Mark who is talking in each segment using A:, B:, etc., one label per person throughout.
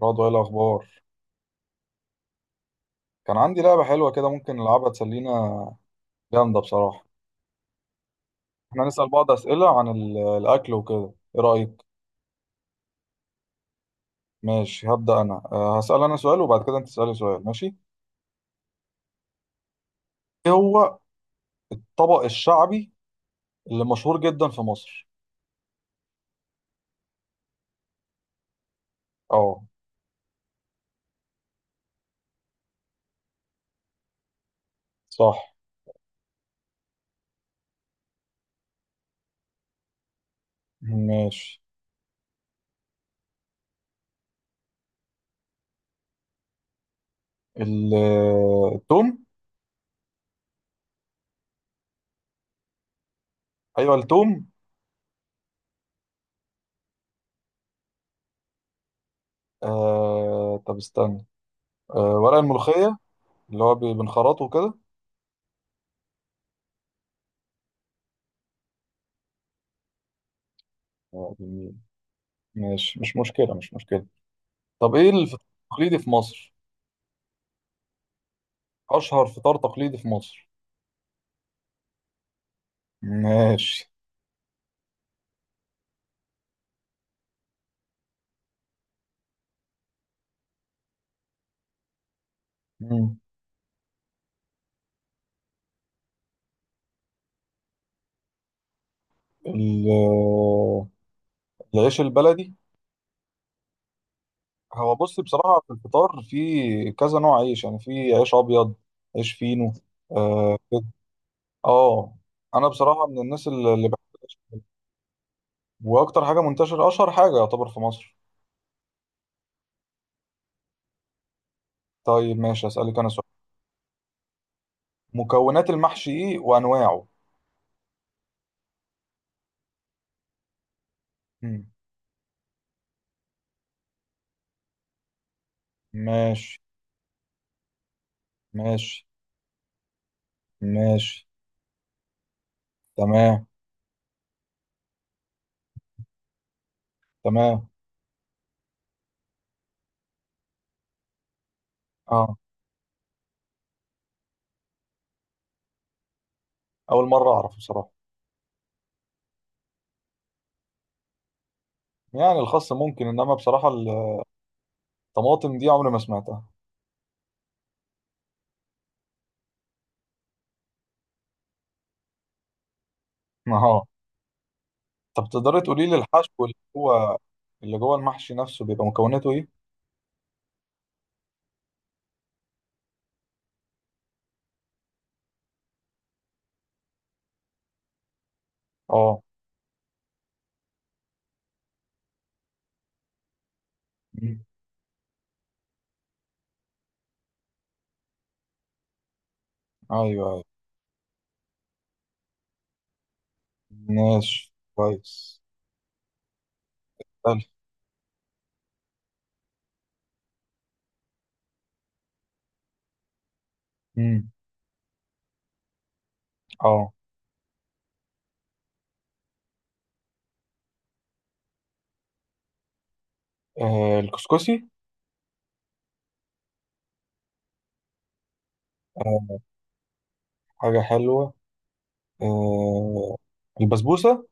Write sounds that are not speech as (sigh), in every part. A: برضه ايه الاخبار؟ كان عندي لعبه حلوه كده، ممكن نلعبها تسلينا. جامده بصراحه. احنا نسال بعض اسئله عن الاكل وكده، ايه رايك؟ ماشي، هبدا انا. هسال انا سؤال، وبعد كده انت تسالي سؤال. ماشي؟ ايه هو الطبق الشعبي اللي مشهور جدا في مصر؟ اه، صح. ماشي. ال- التوم. ايوه، التوم. آه، طب استنى. آه، ورق الملوخيه. اللي هو بنخرطه كده. آه، جميل. ماشي، مش مشكله، مش مشكله. طب، ايه الفطار التقليدي في مصر؟ أشهر فطار تقليدي في مصر؟ ماشي. مم. ال- العيش البلدي. هو بص بصراحة، في الفطار في كذا نوع عيش، يعني في عيش أبيض، عيش فينو. آه كده. آه، أنا بصراحة من الناس اللي بحب العيش. وأكتر حاجة منتشرة، أشهر حاجة يعتبر في مصر. طيب، ماشي، أسألك أنا سؤال. مكونات المحشي إيه وأنواعه؟ مم. ماشي. ماشي. ماشي. تمام. تمام. آه. أول مرة أعرف بصراحة. يعني الخاص ممكن انما بصراحه، طماطم دي عمري ما سمعتها. (laughs) اه. طب تقدري تقولي لي الحشو اللي هو، اللي جوه المحشي نفسه بيبقى مكوناته ايه؟ اه. مم. ايوه ايوه. ماشي، كويس. حلو. مم. اه. آه، الكسكسي. آه. حاجة حلوة. آه. البسبوسة.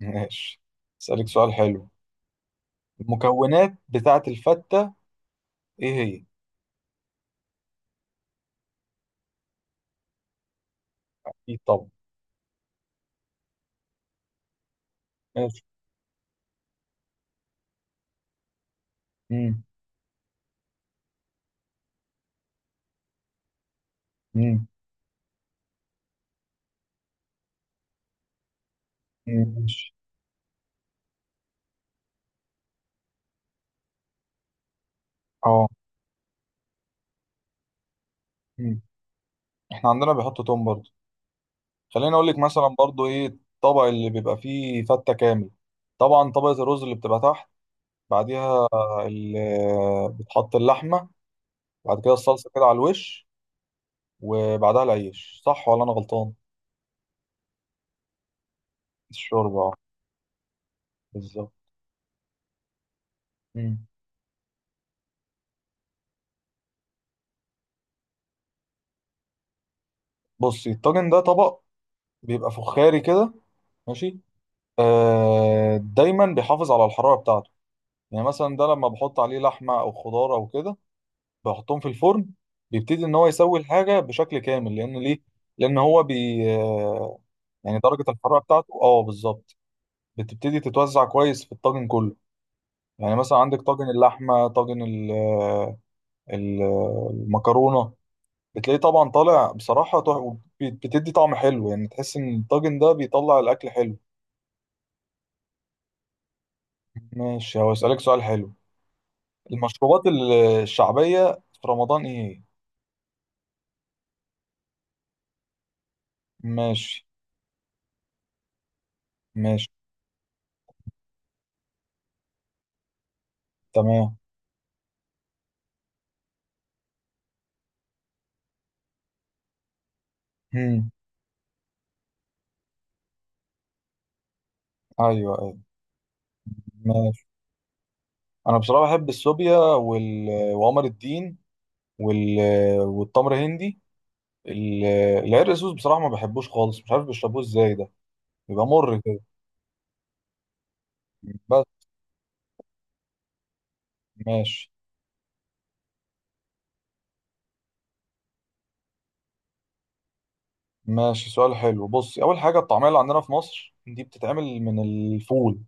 A: ماشي. اسألك سؤال حلو. المكونات بتاعة الفتة، ايه هي؟ ايه طبعا. ماشي. مم. مم. ماشي. اه. مم. احنا عندنا بيحطوا توم برضه. خليني اقول لك مثلا برضو، ايه الطبق اللي بيبقى فيه فته كامل؟ طبعا، طبقه الرز اللي بتبقى تحت. بعديها بتحط اللحمه. بعد كده الصلصه كده على الوش. وبعدها العيش، صح ولا انا غلطان؟ الشوربه، اه. بالظبط. مم. بصي، الطاجن ده طبق بيبقى فخاري كده. ماشي. آه، دايما بيحافظ على الحراره بتاعته. يعني مثلا ده، لما بحط عليه لحمه او خضار او كده، بحطهم في الفرن، بيبتدي ان هو يسوي الحاجه بشكل كامل، لان ليه؟ لان هو بي آه، يعني درجه الحراره بتاعته، اه بالظبط، بتبتدي تتوزع كويس في الطاجن كله. يعني مثلا عندك طاجن اللحمه، طاجن المكرونه. بتلاقيه طبعا طالع بصراحه، بتدي طعم حلو، يعني تحس ان الطاجن ده بيطلع الاكل حلو. ماشي. هو اسالك سؤال حلو. المشروبات الشعبيه في رمضان ايه؟ ماشي. ماشي. تمام. هم. ايوه. ايوه. انا بصراحه بحب السوبيا وقمر الدين وال... والتمر هندي. ال- العرق سوس بصراحه ما بحبوش خالص، مش عارف بيشربوه ازاي، ده بيبقى مر كده. بس. ماشي. ماشي، سؤال حلو. بص، اول حاجه الطعميه اللي عندنا في مصر دي بتتعمل من الفول.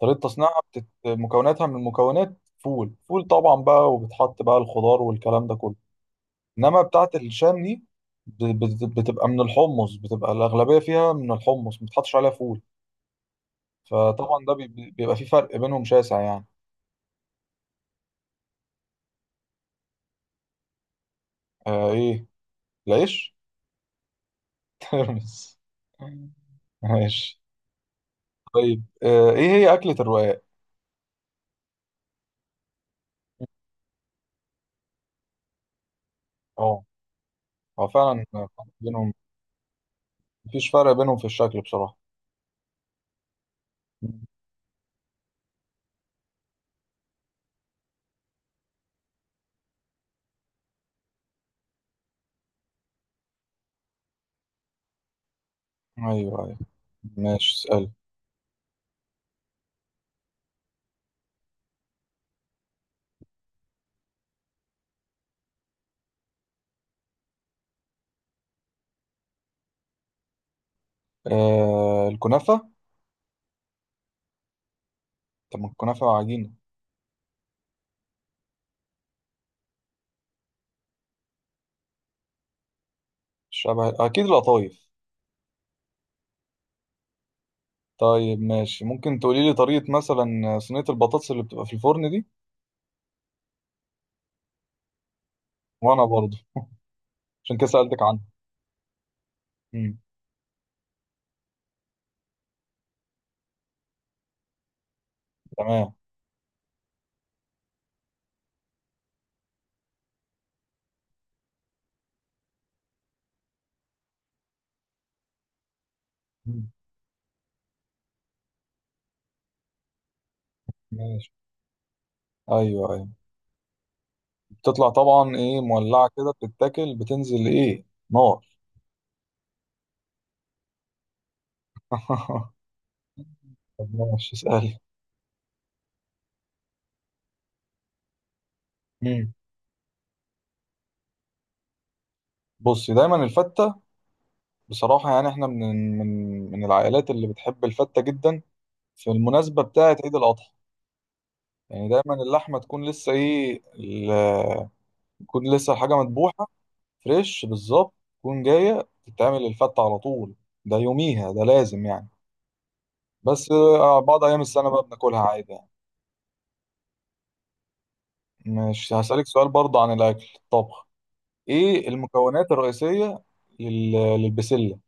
A: طريقه تصنيعها مكوناتها من مكونات فول، فول طبعا بقى، وبتحط بقى الخضار والكلام ده كله. انما بتاعه الشام دي، بت- بتبقى من الحمص، بتبقى الاغلبيه فيها من الحمص، ما بتحطش عليها فول. فطبعا ده بيبقى في فرق بينهم شاسع يعني. آه، ايه؟ العيش. (laughs) ترمس. ماشي. طيب، ايه هي أكلة الرقاق؟ اه، هو فعلا فرق بينهم. مفيش فرق بينهم في الشكل بصراحة. ايوه، ايوه. ماشي، اسأل. آه، الكنافة. طب ما الكنافة عجينة. شبه اكيد القطايف. طيب، ماشي، ممكن تقولي لي طريقة مثلا صينية البطاطس اللي بتبقى في الفرن دي؟ وانا برضه، عشان كده سألتك عنها. مم. تمام. مم. ماشي. ايوه. ايوه. بتطلع طبعا ايه مولعه كده، بتتاكل، بتنزل ايه؟ نار. (laughs) طب، ماشي، اسألي. مم. بصي، دايما الفتة بصراحة، يعني احنا من من العائلات اللي بتحب الفتة جدا، في المناسبة بتاعة عيد الأضحى. يعني دايما اللحمة تكون لسه تكون لسه الحاجة مذبوحة. فريش بالظبط. تكون جاية تتعمل الفتة على طول، ده يوميها، ده لازم يعني. بس بعض أيام السنة بقى بناكلها عادي يعني. مش هسألك سؤال برضه عن الأكل الطبخ. ايه المكونات الرئيسية لل... للبسلة؟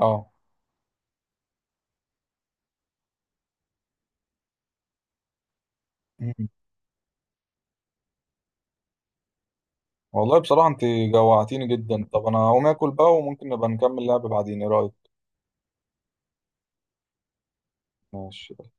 A: اه. مم. والله بصراحة انت جوعتيني جدا. طب، انا هقوم اكل بقى، وممكن نبقى نكمل لعب بعدين، ايه رأيك؟ ماشي.